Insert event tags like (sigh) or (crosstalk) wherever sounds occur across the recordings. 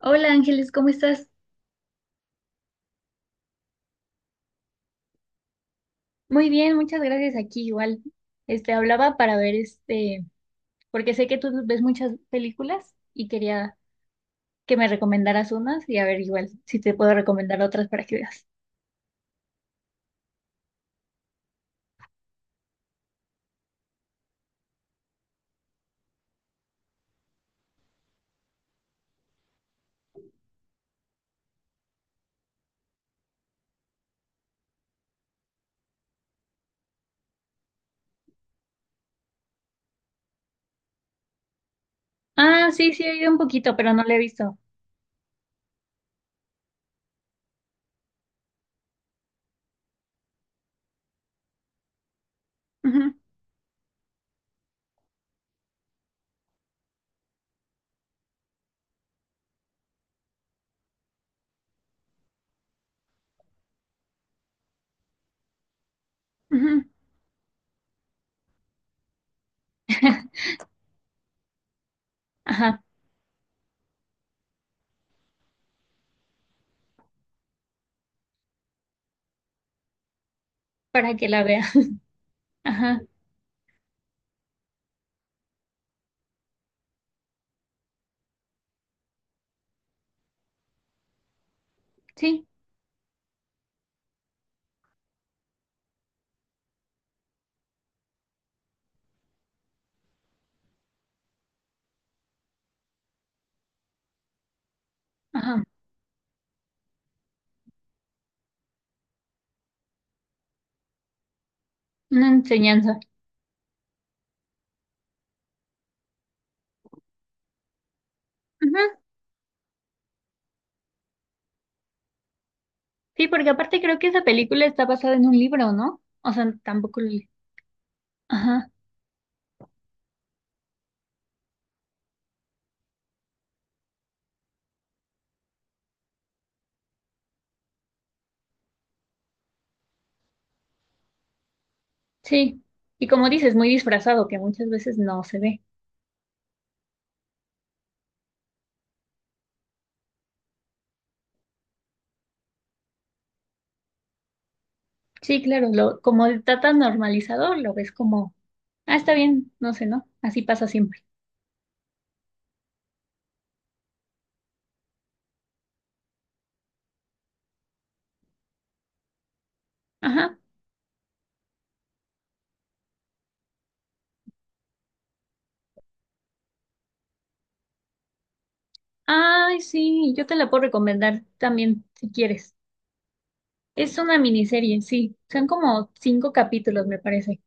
Hola Ángeles, ¿cómo estás? Muy bien, muchas gracias. Aquí igual. Hablaba para ver porque sé que tú ves muchas películas y quería que me recomendaras unas y a ver igual si te puedo recomendar otras para que veas. Ah, sí, sí, he oído un poquito, pero no la he visto. Ujú, ujú. (laughs) Ajá, para que la vea. (laughs) Ajá, sí, ajá, una enseñanza. Ujú. Sí, porque aparte creo que esa película está basada en un libro, ¿no? O sea, tampoco lo leí. Sí, y como dices, muy disfrazado, que muchas veces no se ve. Sí, claro, lo, como está tan normalizado, lo ves como, ah, está bien, no sé, ¿no? Así pasa siempre. Ajá. Ay, sí, yo te la puedo recomendar también, si quieres. Es una miniserie, sí. Son como cinco capítulos, me parece.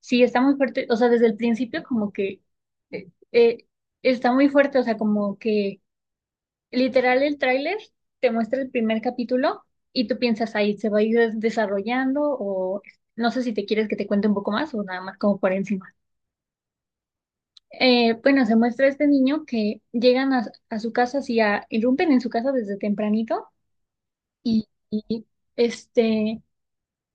Sí, está muy fuerte. O sea, desde el principio como que eh, eh, está muy fuerte, o sea, como que literal, el tráiler te muestra el primer capítulo y tú piensas ahí, ¿se va a ir desarrollando? O no sé si te quieres que te cuente un poco más o nada más como por encima. Bueno, se muestra este niño que llegan a su casa, así a, irrumpen en su casa desde tempranito y, y, este,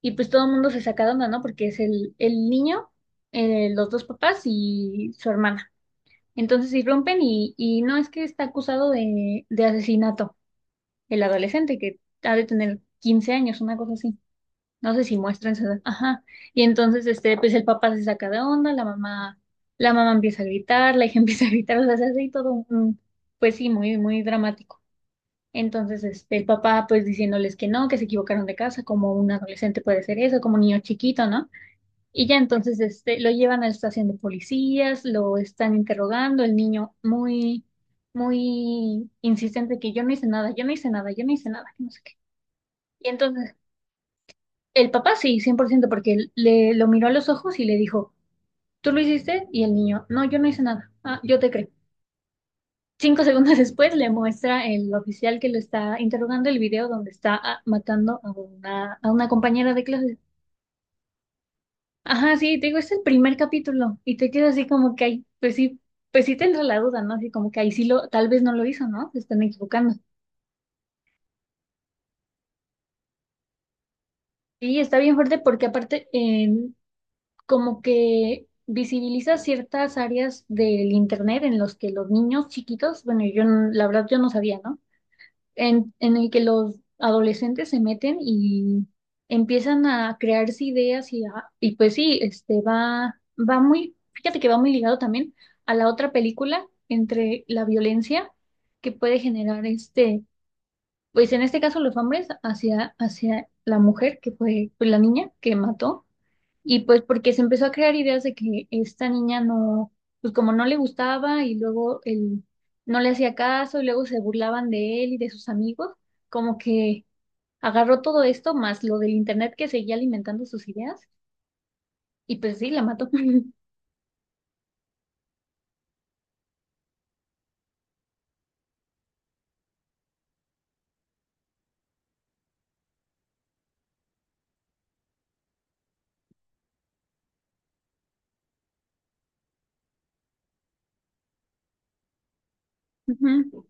y pues todo el mundo se saca de onda, ¿no? Porque es el niño, los dos papás y su hermana. Entonces irrumpen y no es que está acusado de asesinato. El adolescente que ha de tener 15 años, una cosa así. No sé si muestran su edad. Ajá. Y entonces, este, pues el papá se saca de onda, la mamá empieza a gritar, la hija (laughs) empieza a gritar, o sea, se hace ahí todo un, pues sí, muy, muy dramático. Entonces, este, el papá, pues diciéndoles que no, que se equivocaron de casa, como un adolescente puede ser eso, como un niño chiquito, ¿no? Y ya entonces, este, lo llevan a la estación de policías, lo están interrogando, el niño muy, muy insistente que yo no hice nada, yo no hice nada, yo no hice nada, que no sé qué. Y entonces, el papá sí, 100% porque él le lo miró a los ojos y le dijo, ¿tú lo hiciste? Y el niño, no, yo no hice nada. Ah, yo te creo. Cinco (laughs) segundos después le muestra el oficial que lo está interrogando el video donde está ah, matando a una compañera de clase. Ajá, sí, te digo, es el primer capítulo y te quedas así como que ahí, pues sí te entra la duda, ¿no? Así como que ahí sí lo, tal vez no lo hizo, ¿no? Se están equivocando. Sí, está bien fuerte porque aparte, como que visibiliza ciertas áreas del internet en los que los niños chiquitos, bueno, yo no- la verdad yo no sabía, ¿no? En el que los adolescentes se meten y empiezan a crearse ideas y pues sí, va muy, fíjate que va muy ligado también a la otra película entre la violencia que puede generar este, pues en este caso los hombres hacia, hacia la mujer que fue pues, la niña que mató y pues porque se empezó a crear ideas de que esta niña no, pues como no le gustaba y luego él no le hacía caso y luego se burlaban de él y de sus amigos, como que agarró todo esto más lo del internet que seguía alimentando sus ideas y pues sí, la mató. (laughs) Ujú,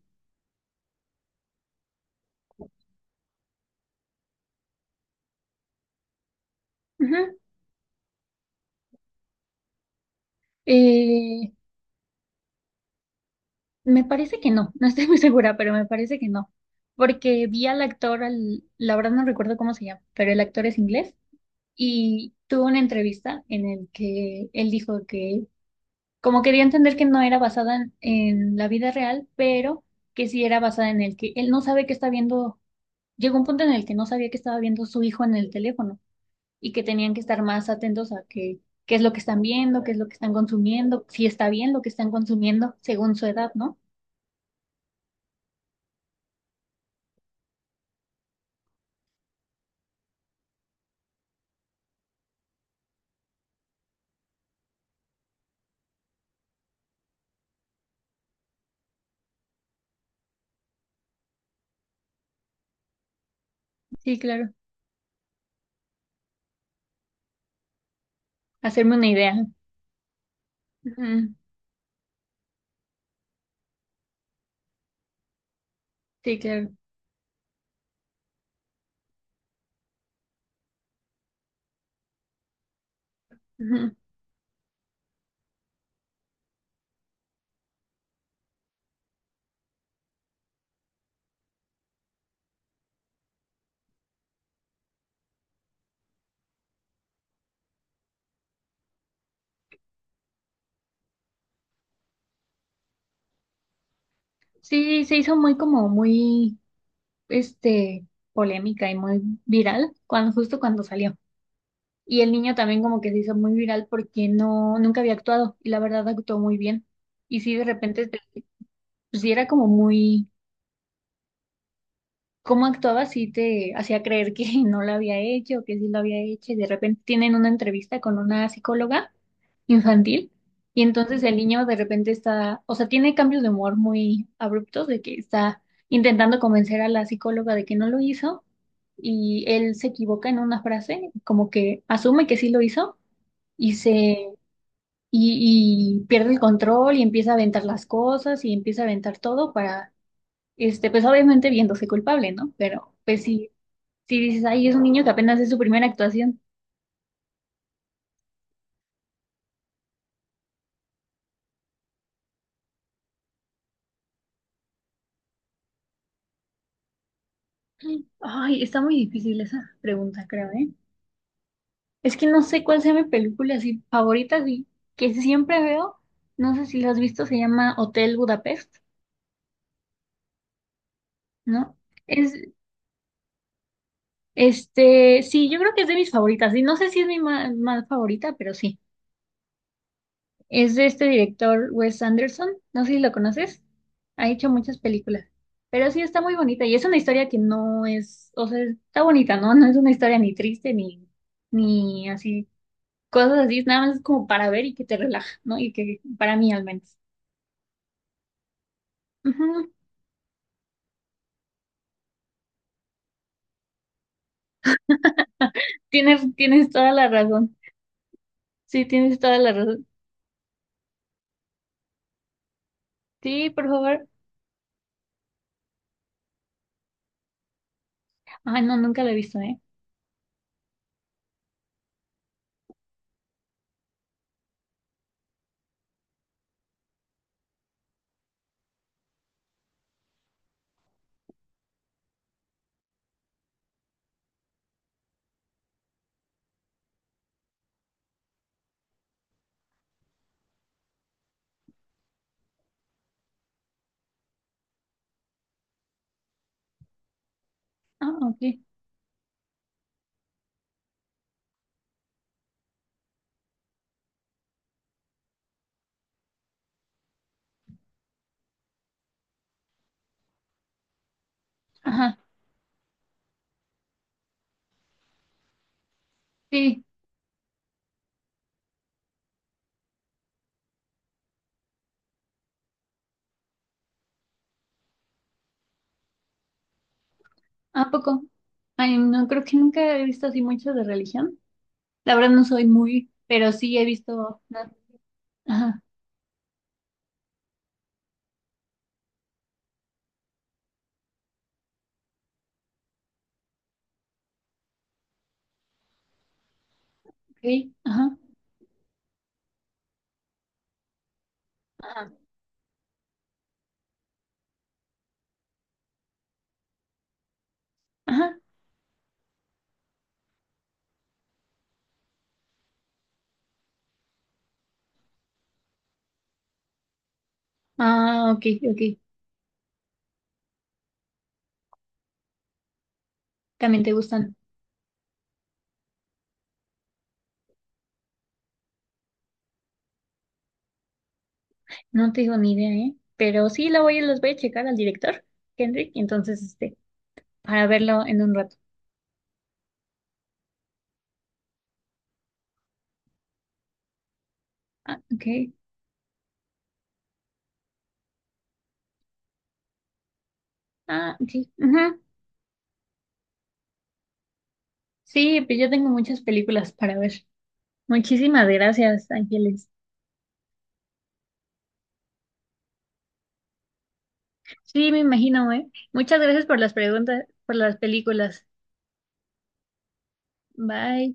ujú. Eh, me parece que no, no estoy muy segura, pero me parece que no, porque vi al actor, la verdad no recuerdo cómo se llama, pero el actor es inglés y tuvo una entrevista en el que él dijo que como quería entender que no era basada en la vida real, pero que sí era basada en el que él no sabe que está viendo, llegó un punto en el que no sabía que estaba viendo su hijo en el teléfono y que tenían que estar más atentos a que, qué es lo que están viendo, qué es lo que están consumiendo, si está bien lo que están consumiendo según su edad, ¿no? Sí, claro. Hacerme una idea. Ujú. Sí, claro. Ujú. Sí, se hizo muy como muy, este, polémica y muy viral cuando justo cuando salió. Y el niño también como que se hizo muy viral porque no, nunca había actuado y la verdad actuó muy bien. Y sí, de repente, te- pues sí era como muy, cómo actuaba, sí te hacía creer que (laughs) no lo había hecho, que sí lo había hecho. Y de repente tienen una entrevista con una psicóloga infantil y entonces el niño de repente está, o sea, tiene cambios de humor muy abruptos de que está intentando convencer a la psicóloga de que no lo hizo y él se equivoca en una frase, como que asume que sí lo hizo y se y pierde el control y empieza a aventar las cosas y empieza a aventar todo para, este, pues obviamente viéndose culpable, ¿no? Pero pues si, si dices, ay, es un niño que apenas es su primera actuación. Ay, está muy difícil esa pregunta, creo, ¿eh? Es que no sé cuál sea mi película así favorita, así, que siempre veo, no sé si la has visto, se llama Hotel Budapest, ¿no? Es, este, sí, yo creo que es de mis favoritas, y no sé si es mi más favorita, pero sí. Es de este director Wes Anderson, no sé si lo conoces, ha hecho muchas películas, pero sí está muy bonita y es una historia que no es, o sea, está bonita, ¿no? No es una historia ni triste ni, ni así, cosas así, nada más es como para ver y que te relaja, ¿no? Y que para mí al menos. Ujú. Tienes toda la razón, sí, tienes toda la razón. Sí, por favor. Ay, no, nunca la he visto, ¿eh? Ah, ok. Ajá, sí, ¿a poco? Ay, no, creo que nunca he visto así mucho de religión. La verdad no soy muy, pero sí he visto. Na- ajá, ok, ajá, ajá, ajá. Ah, ok, ok. También te gustan. No tengo ni idea, ¿eh? Pero sí la voy, las voy a checar al director, Kendrick, y entonces, este, para verlo en un rato. Ah, ok. Ah, ok. Ajá. Sí, pues yo tengo muchas películas para ver. Muchísimas gracias, Ángeles. Sí, me imagino, ¿eh? Muchas gracias por las preguntas, por las películas. Bye.